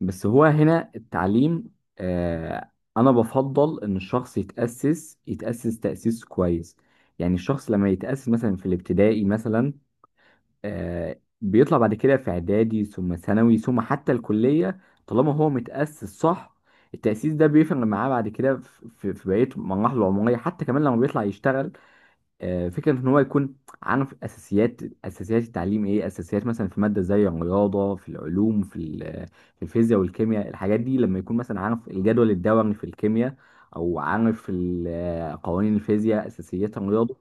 بس هو هنا التعليم. آه، انا بفضل ان الشخص يتأسس تأسيس كويس. يعني الشخص لما يتأسس مثلا في الابتدائي مثلا، آه بيطلع بعد كده في اعدادي ثم ثانوي ثم حتى الكلية. طالما هو متأسس صح، التأسيس ده بيفرق معاه بعد كده في بقية مراحله العمرية حتى كمان لما بيطلع يشتغل. فكرة إن هو يكون عارف أساسيات التعليم. إيه أساسيات مثلا في مادة زي الرياضة، في العلوم، في الفيزياء والكيمياء. الحاجات دي لما يكون مثلا عارف الجدول الدوري في الكيمياء، أو عارف قوانين الفيزياء، أساسيات الرياضة.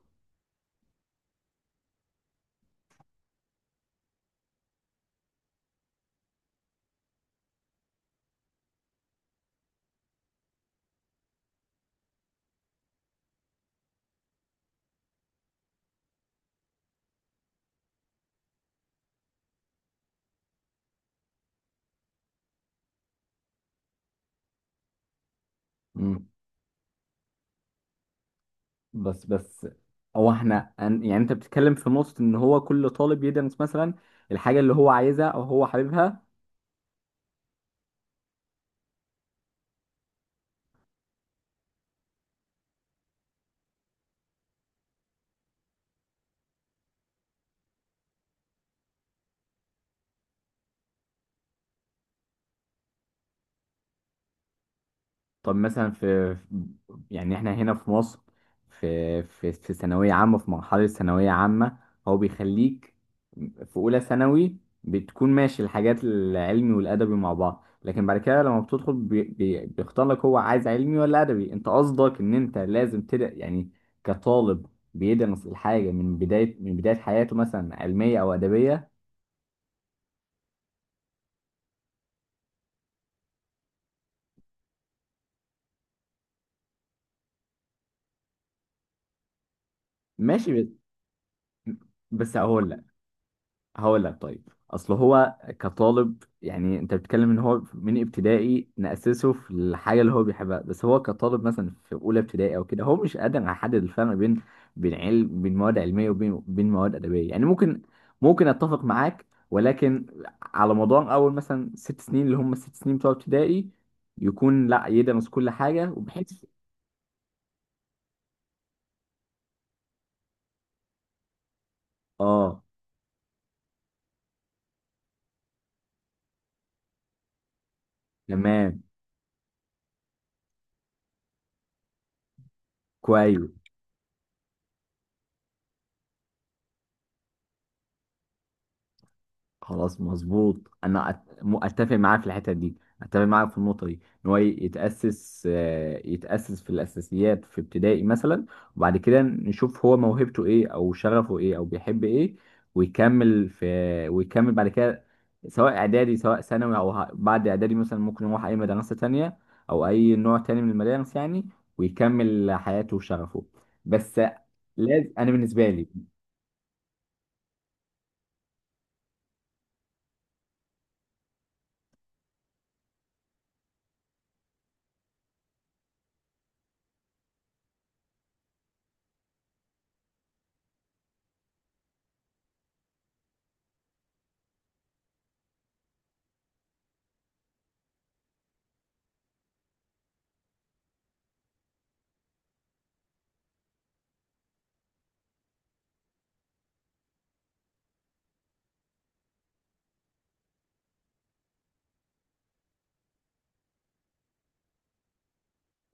مم. بس هو إحنا يعني أنت بتتكلم في نقطة إن هو كل طالب يدرس مثلا الحاجة اللي هو عايزها أو هو حاببها. طب مثلا يعني احنا هنا في مصر في ثانوية عامة، في مرحلة ثانوية عامة. هو بيخليك في أولى ثانوي، بتكون ماشي الحاجات العلمي والأدبي مع بعض، لكن بعد كده لما بتدخل بي بيختار لك هو عايز علمي ولا أدبي. أنت قصدك إن أنت لازم تبدأ يعني كطالب بيدرس الحاجة من بداية حياته مثلا علمية أو أدبية. ماشي. بس هقول لك طيب، اصل هو كطالب، يعني انت بتتكلم ان هو من ابتدائي نأسسه في الحاجه اللي هو بيحبها، بس هو كطالب مثلا في اولى ابتدائي او كده هو مش قادر يحدد الفرق بين مواد علميه وبين مواد ادبيه. يعني ممكن اتفق معاك، ولكن على مدار اول مثلا 6 سنين، اللي هم الست سنين بتوع ابتدائي، يكون لا يدرس كل حاجه، وبحيث اه تمام كويس. خلاص مظبوط. انا اتفق معاه في الحته دي، اتفق معاه في النقطه دي، ان هو يتاسس يتاسس في الاساسيات في ابتدائي مثلا، وبعد كده نشوف هو موهبته ايه، او شغفه ايه، او بيحب ايه، ويكمل في ويكمل بعد كده، سواء اعدادي، سواء ثانوي، او بعد اعدادي مثلا ممكن يروح اي مدرسه تانية او اي نوع تاني من المدارس يعني، ويكمل حياته وشغفه. بس لازم، انا بالنسبه لي،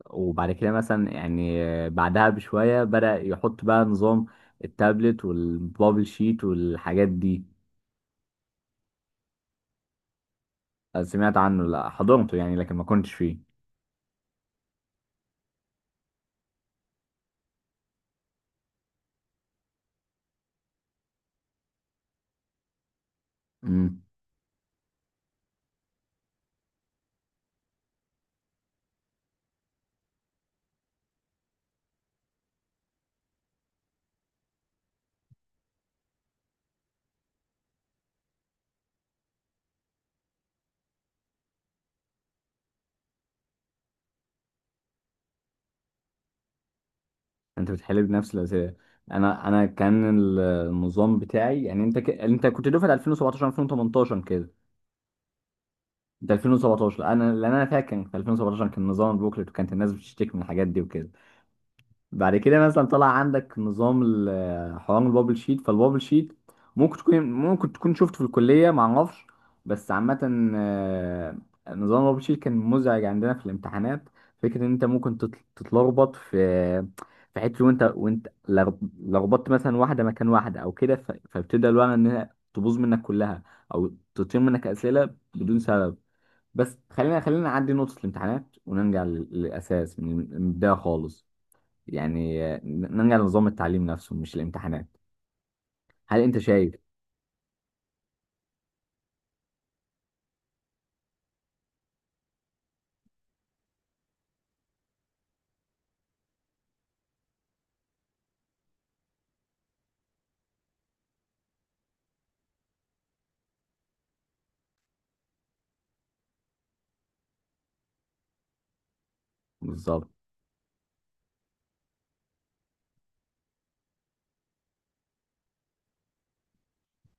وبعد كده مثلا يعني بعدها بشوية بدأ يحط بقى نظام التابلت والبابل شيت والحاجات دي. آه، سمعت عنه لا حضرته يعني، لكن ما كنتش فيه. امم. انت بتحل بنفس الأسئلة. انا كان النظام بتاعي، يعني انت انت كنت دفعة 2017 2018 كده. ده 2017، انا فاكر كان في 2017 كان نظام البوكلت، وكانت الناس بتشتكي من الحاجات دي وكده. بعد كده مثلا طلع عندك نظام حوار البابل شيت. فالبابل شيت ممكن تكون شفته في الكلية، ما اعرفش، بس عامة، آه، نظام البابل شيت كان مزعج عندنا في الامتحانات. فكرة ان انت ممكن تتلخبط في حتة، وانت لخبطت مثلا واحدة مكان واحدة او كده، فبتبدأ الورقة انها تبوظ منك كلها او تطير منك اسئلة بدون سبب. بس خلينا نعدي نقطة الامتحانات ونرجع للأساس من البداية خالص، يعني آه، نرجع لنظام التعليم نفسه مش الامتحانات. هل انت شايف؟ بالظبط.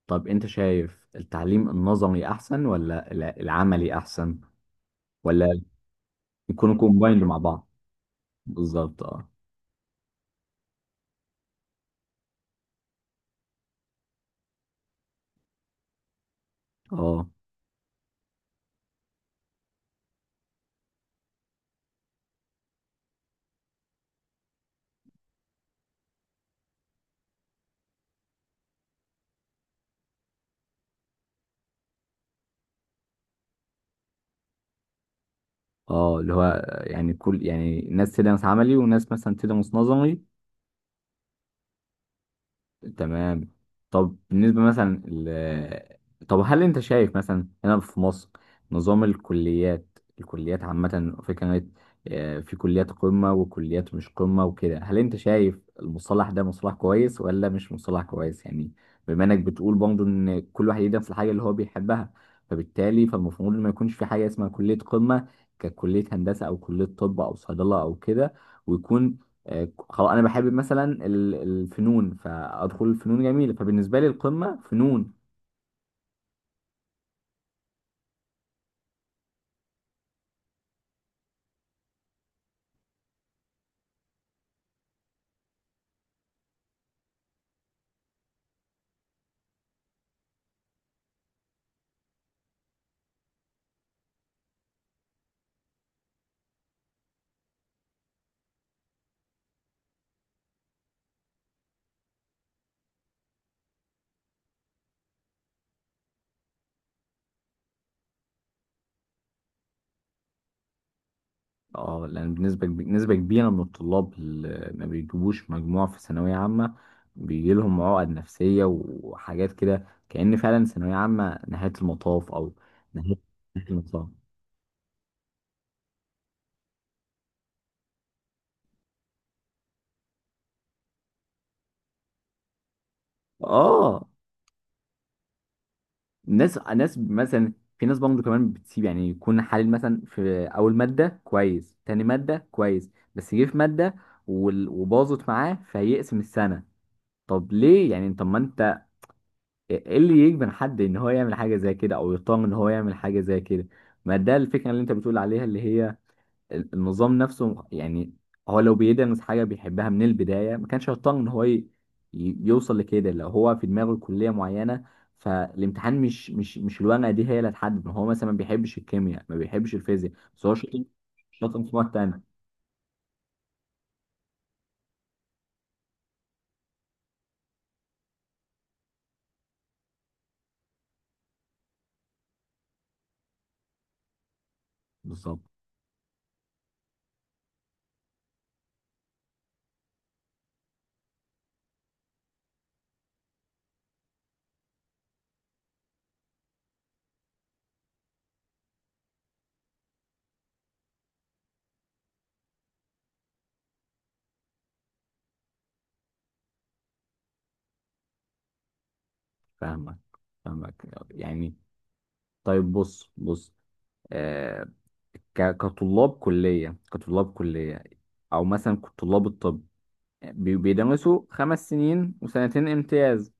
طب انت شايف التعليم النظري احسن ولا العملي احسن، ولا يكونوا كومبايند مع بعض؟ بالظبط، اه اه اه، اللي هو آه، يعني كل يعني ناس تدرس عملي وناس مثلا تدرس نظري. تمام. طب بالنسبة مثلا طب هل انت شايف مثلا هنا في مصر نظام الكليات؟ الكليات عامة في كانت آه، في كليات قمة وكليات مش قمة وكده. هل انت شايف المصطلح ده مصطلح كويس ولا مش مصطلح كويس يعني؟ بما انك بتقول برضه ان كل واحد يدرس الحاجة اللي هو بيحبها، فبالتالي فالمفروض ما يكونش في حاجة اسمها كلية قمة، ككلية هندسة او كلية طب او صيدلة او كده، ويكون آه، خلاص انا بحب مثلا الفنون، فادخل الفنون جميله، فبالنسبه لي القمه فنون. اه، لان بالنسبه نسبه كبيره من الطلاب اللي ما بيجيبوش مجموع في ثانويه عامه بيجي لهم عقد نفسيه وحاجات كده، كأن فعلا ثانويه عامه نهايه المطاف، او نهايه نهاية المطاف. اه، ناس مثلا، في ناس برضه كمان بتسيب، يعني يكون حالل مثلا في اول ماده كويس تاني ماده كويس، بس يجي في ماده وباظت معاه فيقسم السنه. طب ليه يعني؟ طب ما انت، إيه اللي يجبن حد ان هو يعمل حاجه زي كده او يطمن ان هو يعمل حاجه زي كده؟ ما ده الفكره اللي انت بتقول عليها، اللي هي النظام نفسه يعني. هو لو بيدرس حاجه بيحبها من البدايه ما كانش هيطمن ان هو يوصل لكده. لو هو في دماغه كليه معينه، فالامتحان مش الورقه دي هي اللي هتحدد. ما هو مثلا ما بيحبش الكيمياء ما بيحبش الفيزياء، بس هو شاطر في مواد تانية. بالظبط. فاهمك، فاهمك، يعني. طيب بص بص، آه، كطلاب كلية، أو مثلا طلاب الطب بيدرسوا 5 سنين وسنتين امتياز،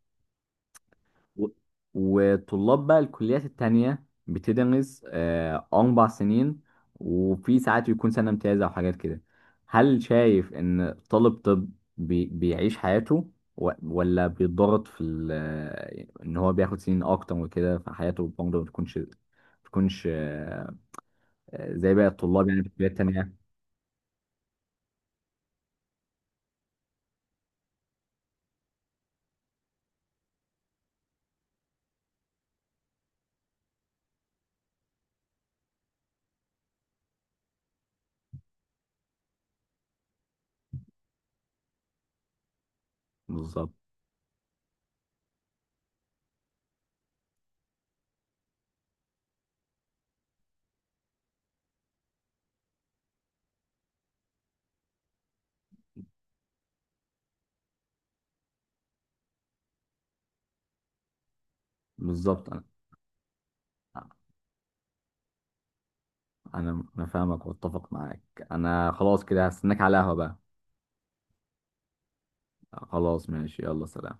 و- وطلاب بقى الكليات التانية بتدرس آه، 4 سنين، وفي ساعات يكون سنة امتياز أو حاجات كده. هل شايف إن طالب طب بيعيش حياته ولا بيتضغط في إن هو بياخد سنين أكتر وكده، فحياته برضه ما بتكونش زي باقي الطلاب يعني في الكليات التانية؟ بالظبط، بالظبط. انا فاهمك واتفق معاك. انا خلاص كده هستناك على قهوة بقى. خلاص ماشي، يلا سلام.